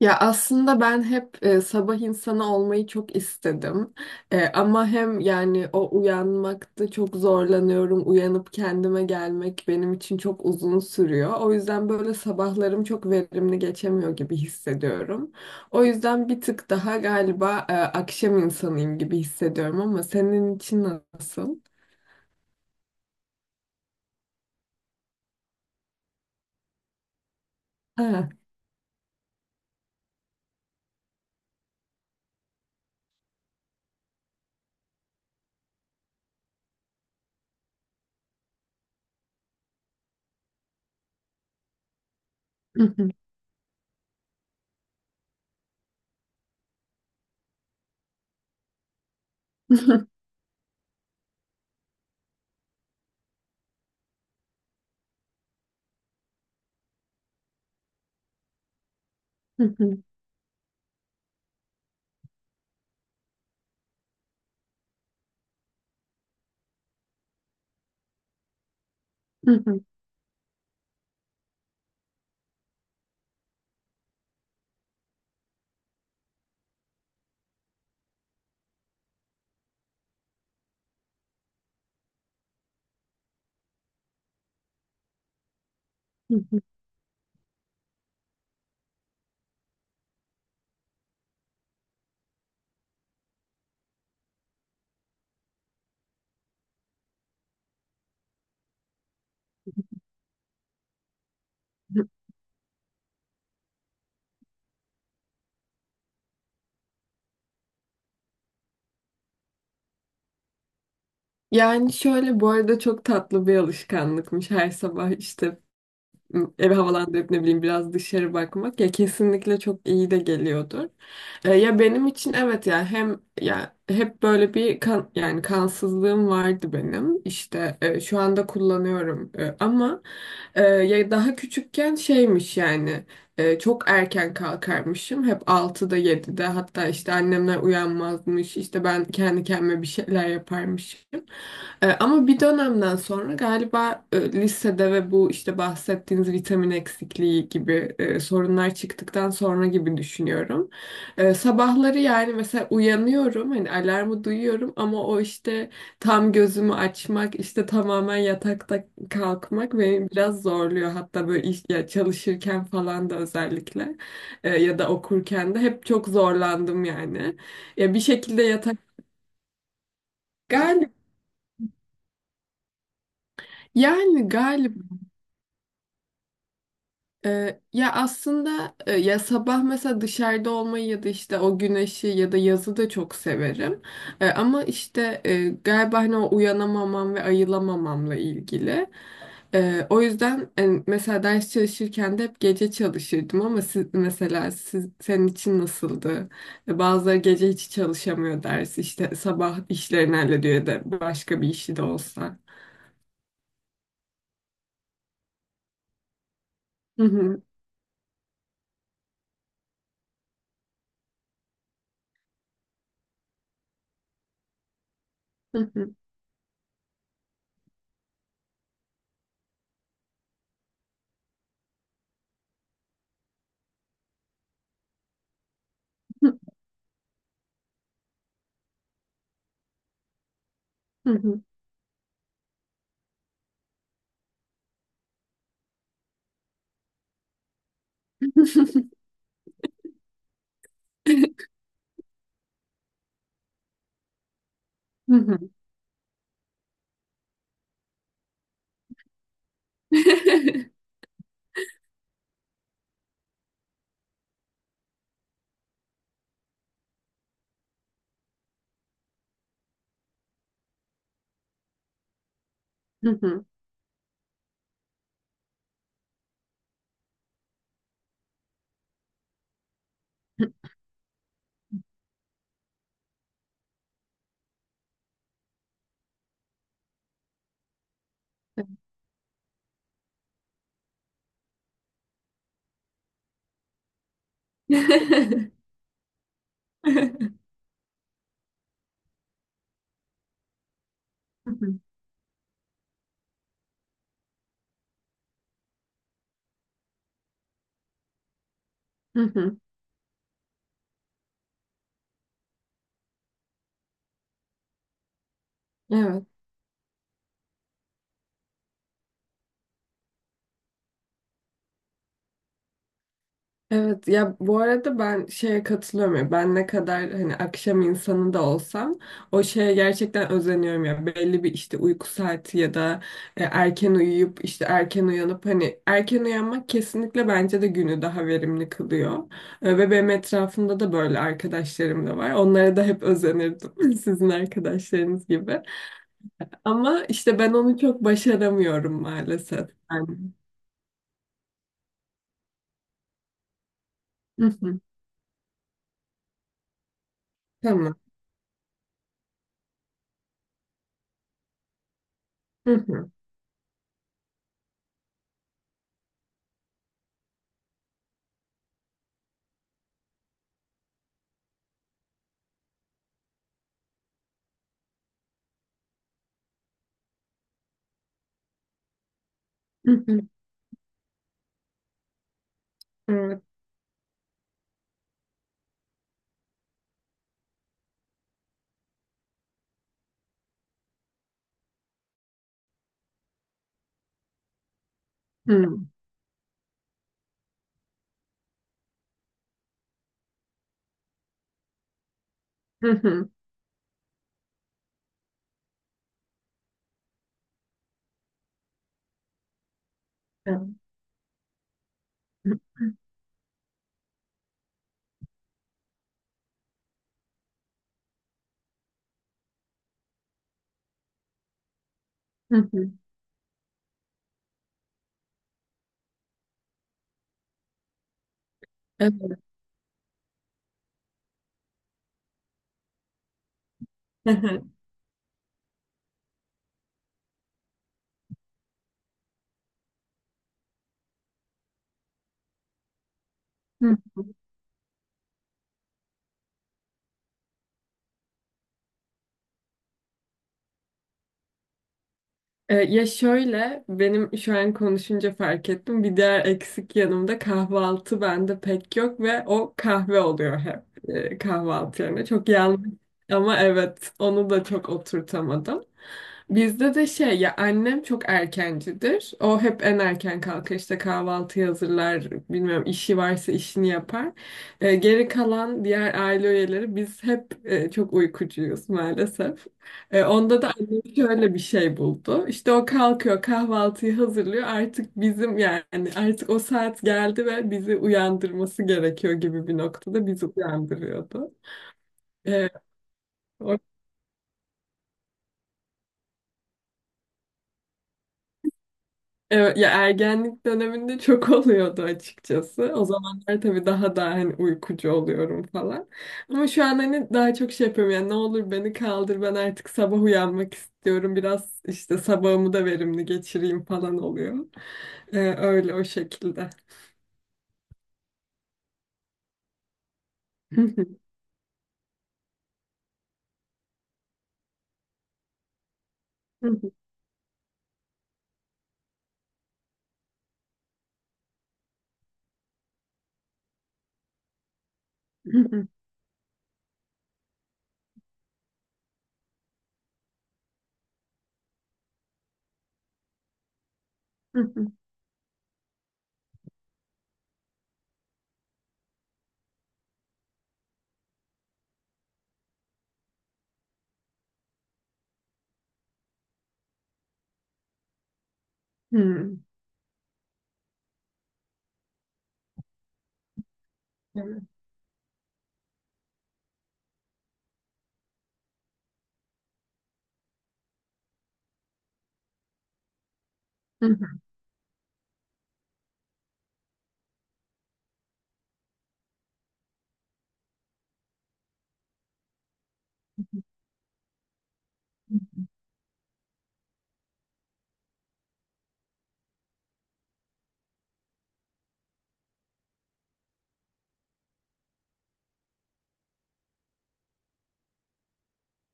Ya aslında ben hep sabah insanı olmayı çok istedim. Ama hem yani o uyanmakta çok zorlanıyorum. Uyanıp kendime gelmek benim için çok uzun sürüyor. O yüzden böyle sabahlarım çok verimli geçemiyor gibi hissediyorum. O yüzden bir tık daha galiba akşam insanıyım gibi hissediyorum ama senin için nasıl? Ha. Yani şöyle, bu arada çok tatlı bir alışkanlıkmış, her sabah işte evi havalandırıp ne bileyim biraz dışarı bakmak. Ya kesinlikle çok iyi de geliyordur. Ya benim için evet, ya hem ya hep böyle bir kansızlığım vardı benim. İşte şu anda kullanıyorum. Ama ya daha küçükken şeymiş yani, çok erken kalkarmışım. Hep 6'da 7'de, hatta işte annemler uyanmazmış. İşte ben kendi kendime bir şeyler yaparmışım. Ama bir dönemden sonra galiba lisede ve bu işte bahsettiğiniz vitamin eksikliği gibi sorunlar çıktıktan sonra gibi düşünüyorum. Sabahları yani mesela uyanıyorum, hani alarmı duyuyorum ama o işte gözümü açmak, işte tamamen yatakta kalkmak beni biraz zorluyor. Hatta böyle iş, ya çalışırken falan da özellikle ya da okurken de hep çok zorlandım yani. Ya bir şekilde yatak galiba yani galiba ya aslında ya sabah mesela dışarıda olmayı ya da işte o güneşi ya da yazı da çok severim. Ama işte galiba hani o uyanamamam ve ayılamamamla ilgili. O yüzden mesela ders çalışırken de hep gece çalışırdım ama siz, senin için nasıldı? Bazıları gece hiç çalışamıyor, ders işte sabah işlerini hallediyor, ya da başka bir işi de olsa. Hı hı. Hı hı. Hı hı. Hı hı. Hı hı. Hı hı. Hı hı. Evet. Evet, ya bu arada ben şeye katılıyorum. Ya ben ne kadar hani akşam insanı da olsam o şeye gerçekten özeniyorum. Ya belli bir işte uyku saati ya da erken uyuyup işte erken uyanıp, hani erken uyanmak kesinlikle bence de günü daha verimli kılıyor. Ve benim etrafımda da böyle arkadaşlarım da var, onlara da hep özenirdim sizin arkadaşlarınız gibi. Ama işte ben onu çok başaramıyorum maalesef. Yani. Hı hı. Tamam. Hı hı. Hı hı. Evet. Hı. Hı hı. Evet. Hı hı. Evet. Hı hı. Hı hı. Ya şöyle, benim şu an konuşunca fark ettim. Bir diğer eksik yanımda kahvaltı bende pek yok ve o kahve oluyor hep kahvaltı yerine. Çok yanlış ama evet, onu da çok oturtamadım. Bizde de şey, ya annem çok erkencidir. O hep en erken kalkar, işte kahvaltı hazırlar, bilmiyorum işi varsa işini yapar. Geri kalan diğer aile üyeleri biz hep çok uykucuyuz maalesef. Onda da annem şöyle bir şey buldu. İşte o kalkıyor, kahvaltıyı hazırlıyor, artık bizim yani artık o saat geldi ve bizi uyandırması gerekiyor gibi bir noktada bizi uyandırıyordu. Ee, Evet, ya ergenlik döneminde çok oluyordu açıkçası. O zamanlar tabii daha da hani uykucu oluyorum falan. Ama şu an hani daha çok şey yapıyorum, yani ne olur beni kaldır, ben artık sabah uyanmak istiyorum. Biraz işte sabahımı da verimli geçireyim falan oluyor. Öyle, o şekilde. Evet.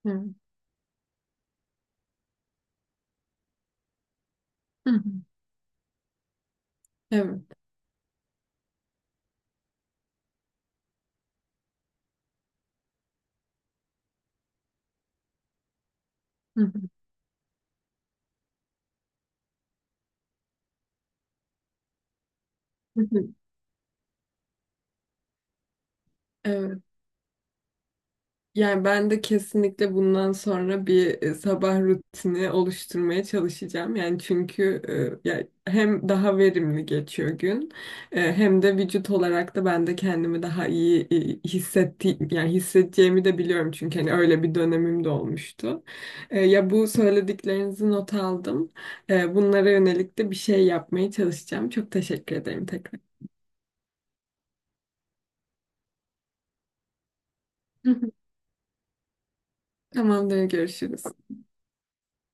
Evet. Evet. Yani ben de kesinlikle bundan sonra bir sabah rutini oluşturmaya çalışacağım. Yani çünkü ya hem daha verimli geçiyor gün, hem de vücut olarak da ben de kendimi daha iyi e, hissetti yani hissedeceğimi de biliyorum, çünkü hani öyle bir dönemim de olmuştu. Ya bu söylediklerinizi not aldım. Bunlara yönelik de bir şey yapmaya çalışacağım. Çok teşekkür ederim tekrar. Tamamdır, görüşürüz.